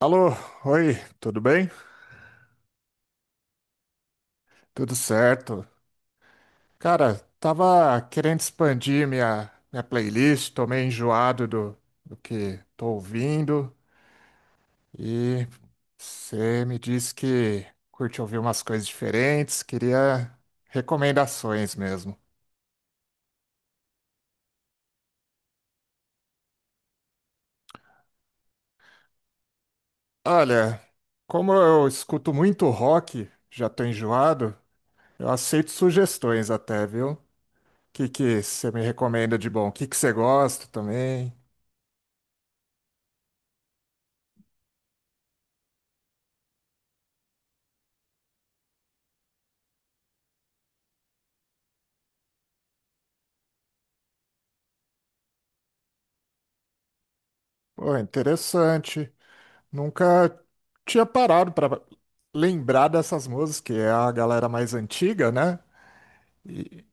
Alô, oi, tudo bem? Tudo certo. Cara, tava querendo expandir minha playlist, tô meio enjoado do que tô ouvindo e você me disse que curte ouvir umas coisas diferentes, queria recomendações mesmo. Olha, como eu escuto muito rock, já tô enjoado, eu aceito sugestões até, viu? O que que você me recomenda de bom? O que que você gosta também? Pô, interessante. Nunca tinha parado pra lembrar dessas músicas, que é a galera mais antiga, né? E-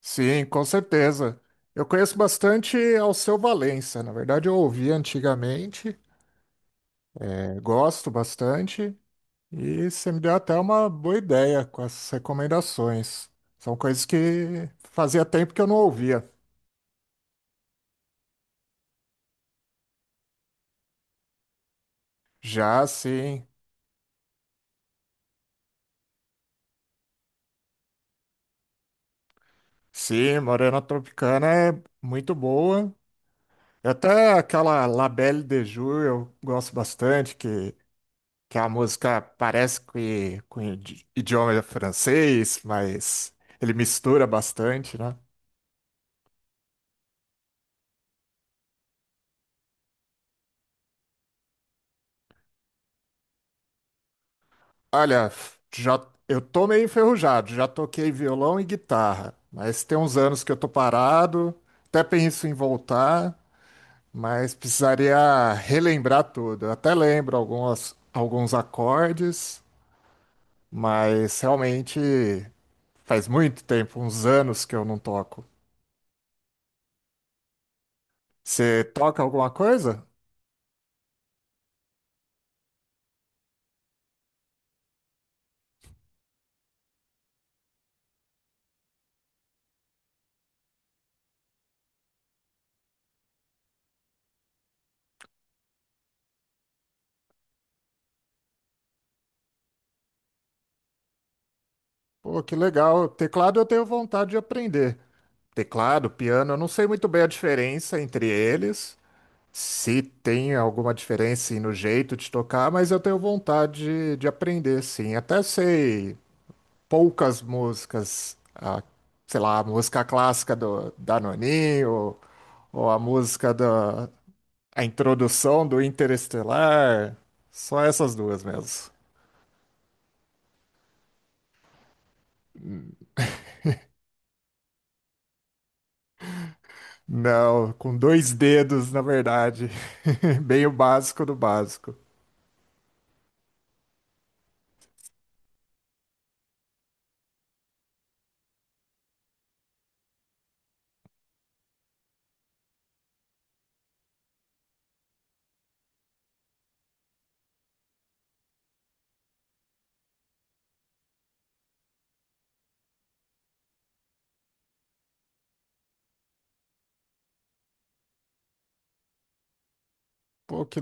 sim, com certeza. Eu conheço bastante Alceu Valença. Na verdade, eu ouvi antigamente, é, gosto bastante, e você me deu até uma boa ideia com essas recomendações. São coisas que fazia tempo que eu não ouvia. Já, sim. Sim, Morena Tropicana é muito boa. É, até aquela La Belle de Jour eu gosto bastante, que a música parece que, com idioma francês, mas ele mistura bastante, né? Olha, já, eu tô meio enferrujado, já toquei violão e guitarra, mas tem uns anos que eu tô parado, até penso em voltar, mas precisaria relembrar tudo. Eu até lembro algumas, alguns acordes, mas realmente, faz muito tempo, uns anos que eu não toco. Você toca alguma coisa? Pô, que legal. Teclado eu tenho vontade de aprender. Teclado, piano, eu não sei muito bem a diferença entre eles. Se tem alguma diferença no jeito de tocar, mas eu tenho vontade de aprender, sim. Até sei poucas músicas, ah, sei lá, a música clássica do Danoninho, ou a música da a introdução do Interestelar. Só essas duas mesmo. Não, com dois dedos, na verdade. Bem o básico do básico. Pô, que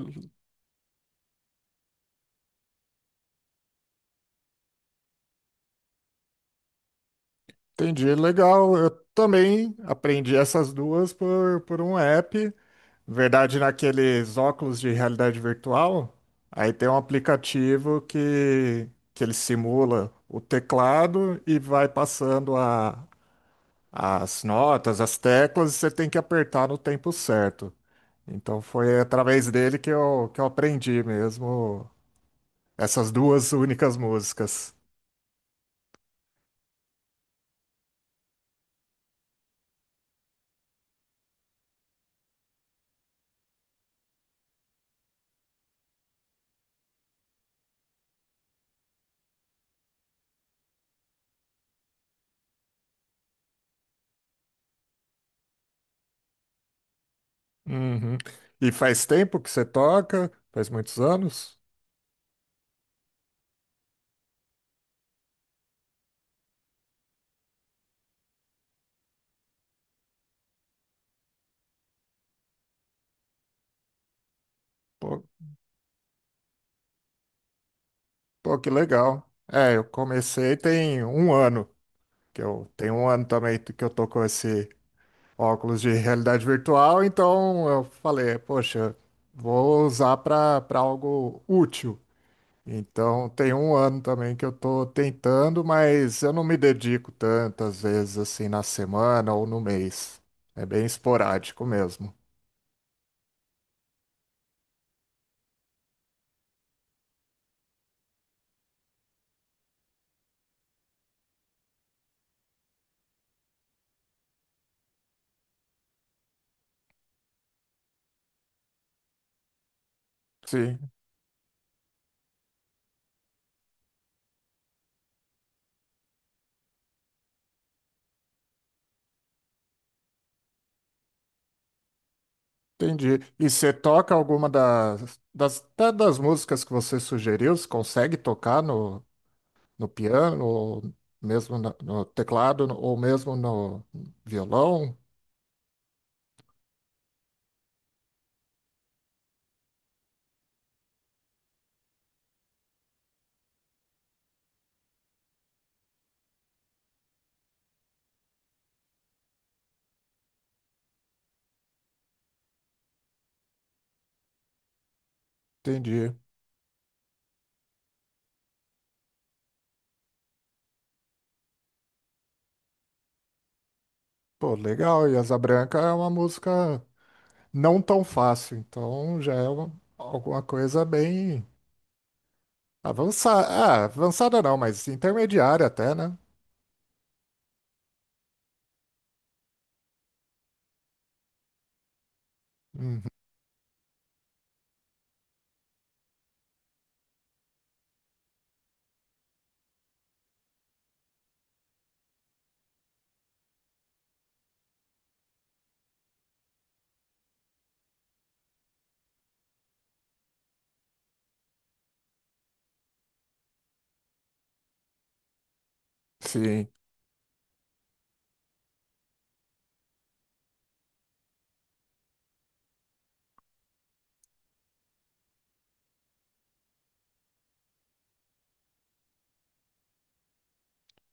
entendi, legal. Eu também aprendi essas duas por um app. Na verdade, naqueles óculos de realidade virtual, aí tem um aplicativo que ele simula o teclado e vai passando as notas, as teclas, e você tem que apertar no tempo certo. Então foi através dele que eu aprendi mesmo essas duas únicas músicas. Uhum. E faz tempo que você toca? Faz muitos anos? Pô, pô, que legal. É, eu comecei tem um ano, que eu tenho um ano também que eu tô com esse óculos de realidade virtual, então eu falei, poxa, vou usar para algo útil. Então tem um ano também que eu tô tentando, mas eu não me dedico tantas vezes assim na semana ou no mês. É bem esporádico mesmo. Sim, entendi. E você toca alguma das até das músicas que você sugeriu? Você consegue tocar no piano, ou mesmo no teclado, ou mesmo no violão? Entendi. Pô, legal. E Asa Branca é uma música não tão fácil, então já é alguma coisa bem avançada. Ah, avançada não, mas intermediária até, né? Uhum. Sim.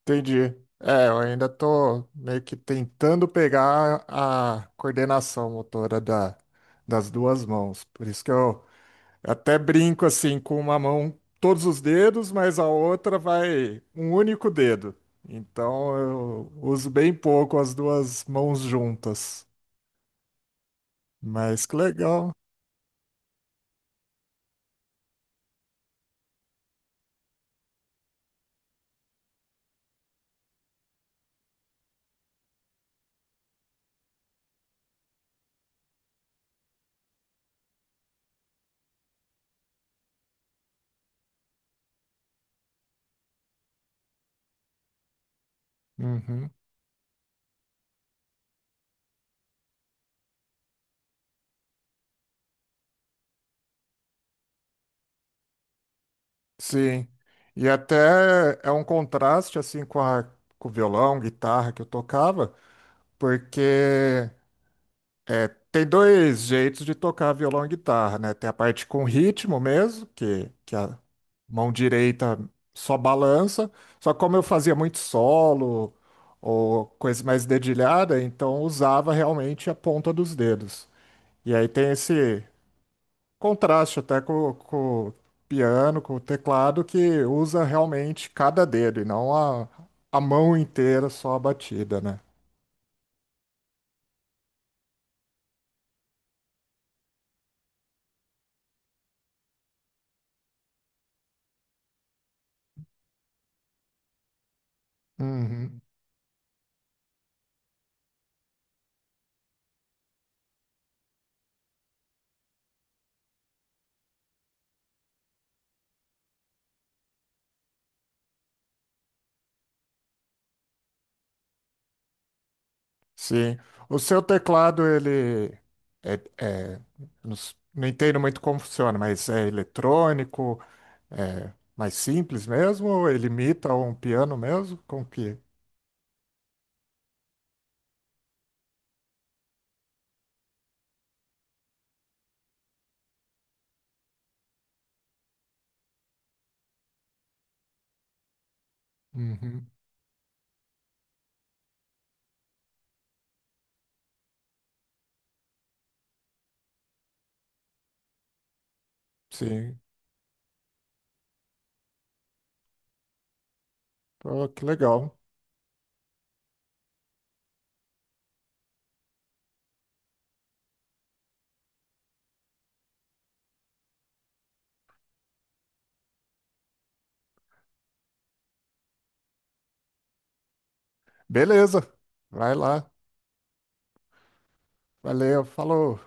Entendi. É, eu ainda tô meio que tentando pegar a coordenação motora das duas mãos. Por isso que eu até brinco assim, com uma mão todos os dedos, mas a outra vai um único dedo. Então eu uso bem pouco as duas mãos juntas. Mas que legal. Uhum. Sim. E até é um contraste assim com com o violão, guitarra que eu tocava, porque é, tem dois jeitos de tocar violão e guitarra, né? Tem a parte com ritmo mesmo, que a mão direita só balança. Só que como eu fazia muito solo ou coisa mais dedilhada, então usava realmente a ponta dos dedos. E aí tem esse contraste até com o piano, com o teclado, que usa realmente cada dedo e não a mão inteira só a batida, né? Uhum. Sim. O seu teclado, ele é, é- não, não entendo muito como funciona, mas é eletrônico, é mais simples mesmo, ou ele imita um piano mesmo? Com que? Uhum. Sim. Pô, que legal. Beleza. Vai lá. Valeu. Falou.